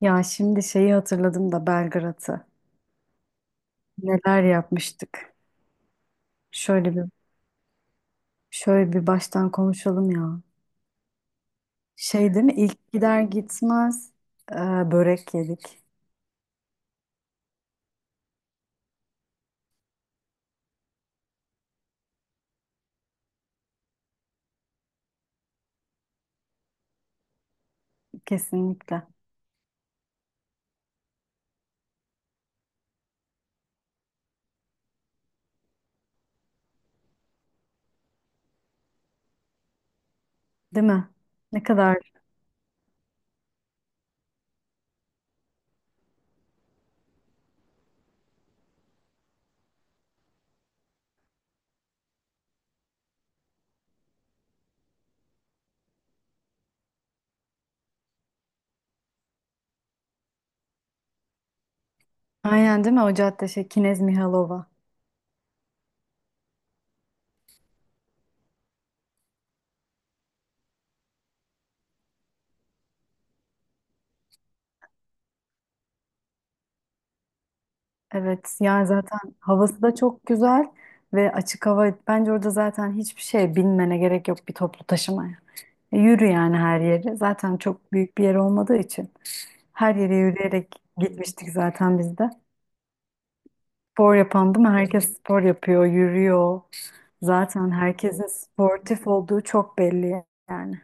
Ya şimdi şeyi hatırladım da Belgrad'ı. Neler yapmıştık. Şöyle bir şöyle bir baştan konuşalım ya. Şey değil mi? İlk gider gitmez e, börek yedik. Kesinlikle. Değil mi? Ne kadar. Aynen değil mi? O cadde şey Kinez Mihalova. Evet. Yani zaten havası da çok güzel ve açık hava. Bence orada zaten hiçbir şeye binmene gerek yok bir toplu taşımaya. Yürü yani her yeri. Zaten çok büyük bir yer olmadığı için. Her yere yürüyerek gitmiştik zaten biz de. Spor yapan değil mi? Herkes spor yapıyor, yürüyor. Zaten herkesin sportif olduğu çok belli yani.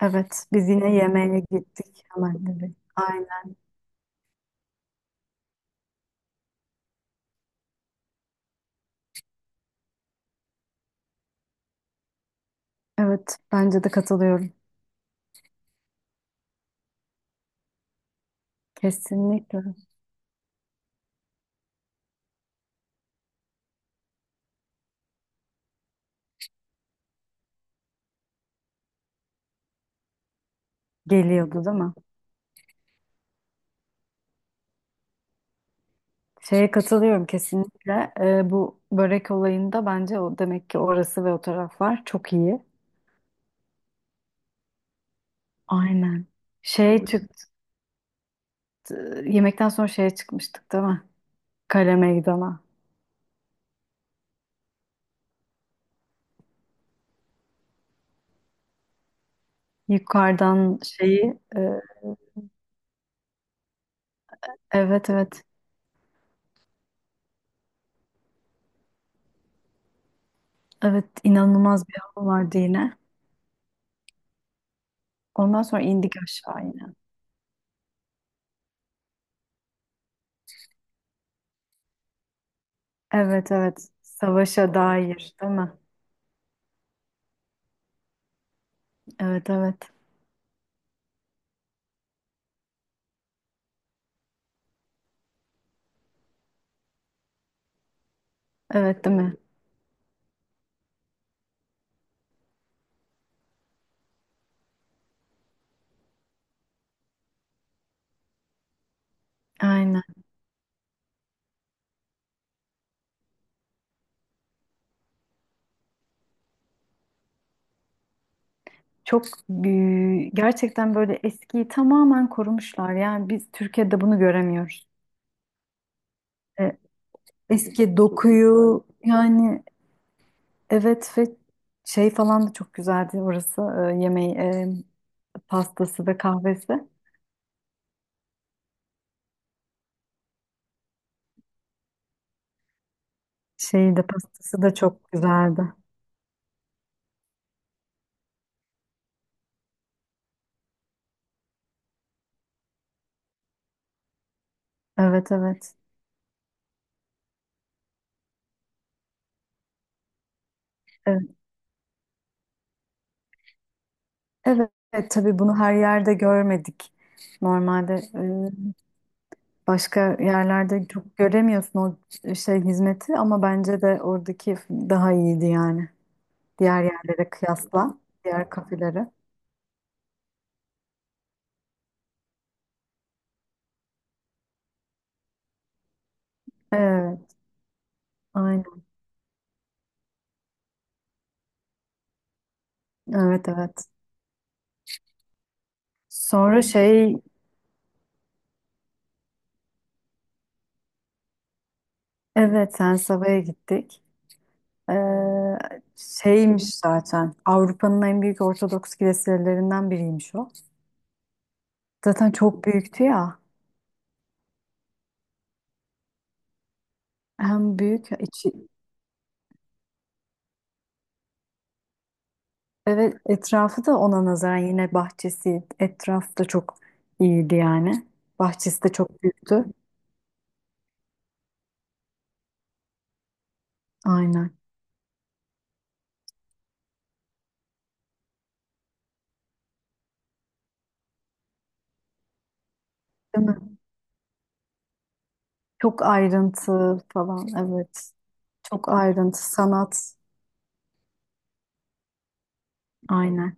Evet, biz yine yemeğe gittik hemen dedi. Aynen. Evet, bence de katılıyorum. Kesinlikle geliyordu değil mi? Şeye katılıyorum kesinlikle. Bu börek olayında bence o demek ki orası ve o taraflar çok iyi. Aynen. Şey çıktı, yemekten sonra şeye çıkmıştık değil mi? Kale meydana. Yukarıdan şeyi e, evet evet inanılmaz bir hava vardı yine. Ondan sonra indik aşağı yine. Evet evet savaşa dair değil mi? Evet evet evet değil mi? Aynen. Çok gerçekten böyle eskiyi tamamen korumuşlar. Yani biz Türkiye'de bunu göremiyoruz. E, eski dokuyu yani evet ve şey falan da çok güzeldi orası yemeği pastası ve kahvesi. Şeyi de pastası da çok güzeldi. Evet evet. Evet, evet, evet, tabii bunu her yerde görmedik. Normalde başka yerlerde çok göremiyorsun o şey hizmeti ama bence de oradaki daha iyiydi yani. Diğer yerlere kıyasla, diğer kafelere. Evet, aynen. Evet evet. Sonra şey, evet Sensava'ya gittik. Ee, şeymiş zaten Avrupa'nın en büyük Ortodoks kiliselerinden biriymiş o. Zaten çok büyüktü ya. Hem büyük içi evet etrafı da ona nazaran yine bahçesi etraf da çok iyiydi yani. Bahçesi de çok büyüktü. Aynen. Değil mi? Çok ayrıntı falan evet. Çok ayrıntı sanat. Aynen.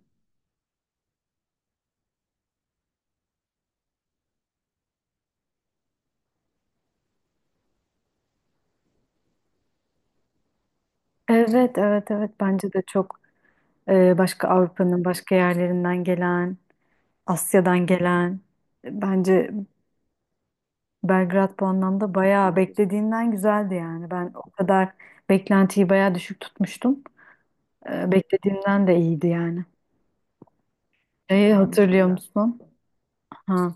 Evet evet evet bence de çok başka Avrupa'nın başka yerlerinden gelen, Asya'dan gelen bence Belgrad bu anlamda bayağı beklediğimden güzeldi yani. Ben o kadar beklentiyi bayağı düşük tutmuştum. Beklediğimden de iyiydi yani. Şeyi hatırlıyor musun? Ha.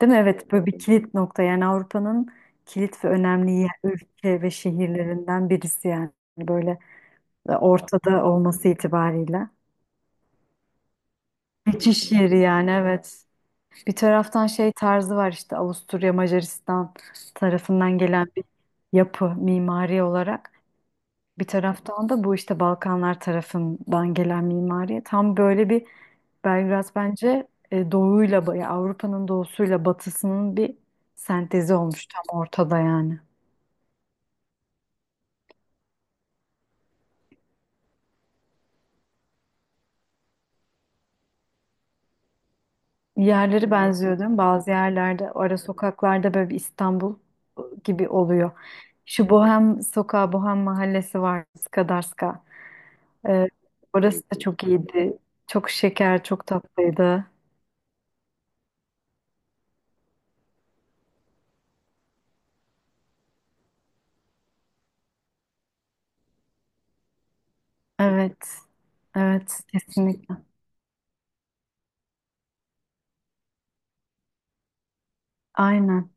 Değil mi? Evet böyle bir kilit nokta yani Avrupa'nın kilit ve önemli yer- ülke ve şehirlerinden birisi yani. Böyle ortada olması itibariyle. Geçiş yeri yani evet. Bir taraftan şey tarzı var işte Avusturya Macaristan tarafından gelen bir yapı mimari olarak. Bir taraftan da bu işte Balkanlar tarafından gelen mimari tam böyle bir Belgrad bence doğuyla ba- ya Avrupa'nın doğusuyla batısının bir sentezi olmuş tam ortada yani. Yerleri benziyor değil mi? Bazı yerlerde ara sokaklarda böyle bir İstanbul gibi oluyor. Şu Bohem sokağı, Bohem mahallesi var Skadarska. E, orası da çok iyiydi. Çok şeker, çok tatlıydı. Evet. Evet, kesinlikle. Aynen.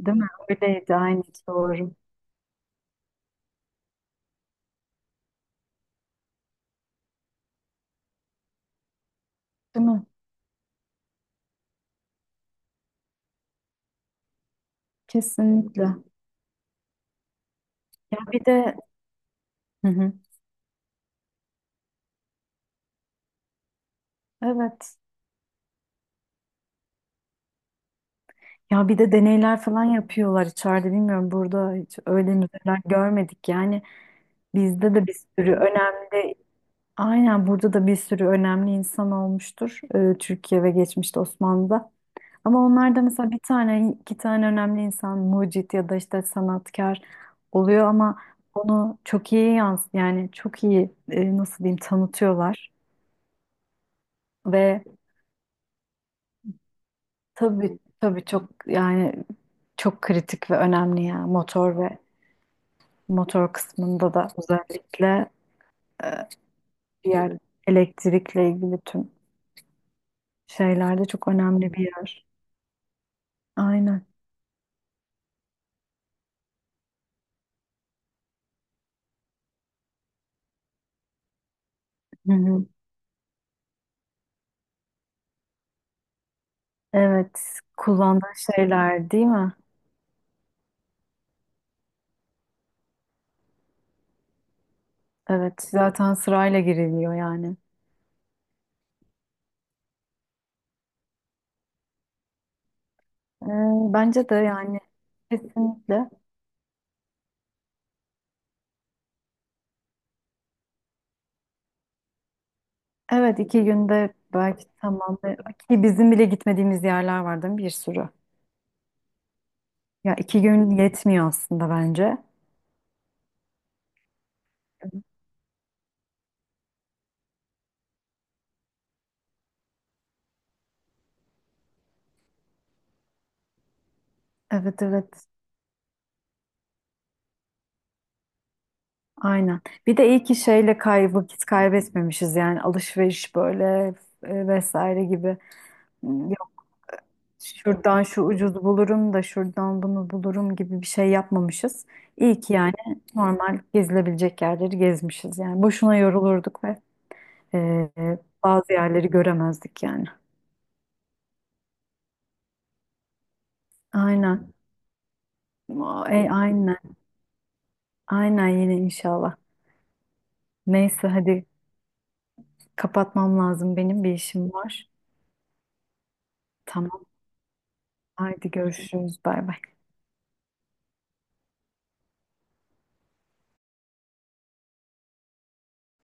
Değil mi? Öyleydi aynı doğru. Değil mi? Kesinlikle. Ya bir de hı hı. Evet. Ya bir de deneyler falan yapıyorlar içeride bilmiyorum burada hiç öyle müzeler görmedik yani bizde de bir sürü önemli aynen burada da bir sürü önemli insan olmuştur Türkiye ve geçmişte Osmanlı'da ama onlar da mesela bir tane iki tane önemli insan mucit ya da işte sanatkar oluyor ama onu çok iyi yans yani çok iyi nasıl diyeyim tanıtıyorlar ve tabii tabii çok yani çok kritik ve önemli ya motor ve motor kısmında da özellikle e, bir yer elektrikle ilgili tüm şeylerde çok önemli bir yer. Aynen. Hı hı. Evet, kullandığı şeyler değil mi? Evet, zaten sırayla giriliyor yani. Ee, bence de yani kesinlikle. Evet, iki günde belki tamam. Ki bizim bile gitmediğimiz yerler var değil mi? Bir sürü. Ya iki gün yetmiyor aslında bence. Evet evet aynen. Bir de iyi ki şeyle kay vakit kaybetmemişiz yani alışveriş böyle vesaire gibi. Yok şuradan şu ucuz bulurum da şuradan bunu bulurum gibi bir şey yapmamışız. İyi ki yani normal gezilebilecek yerleri gezmişiz yani. Boşuna yorulurduk ve e, bazı yerleri göremezdik yani. Aynen. Aynen. Aynen yine inşallah. Neyse hadi kapatmam lazım benim bir işim var. Tamam. Haydi görüşürüz. Bay bay.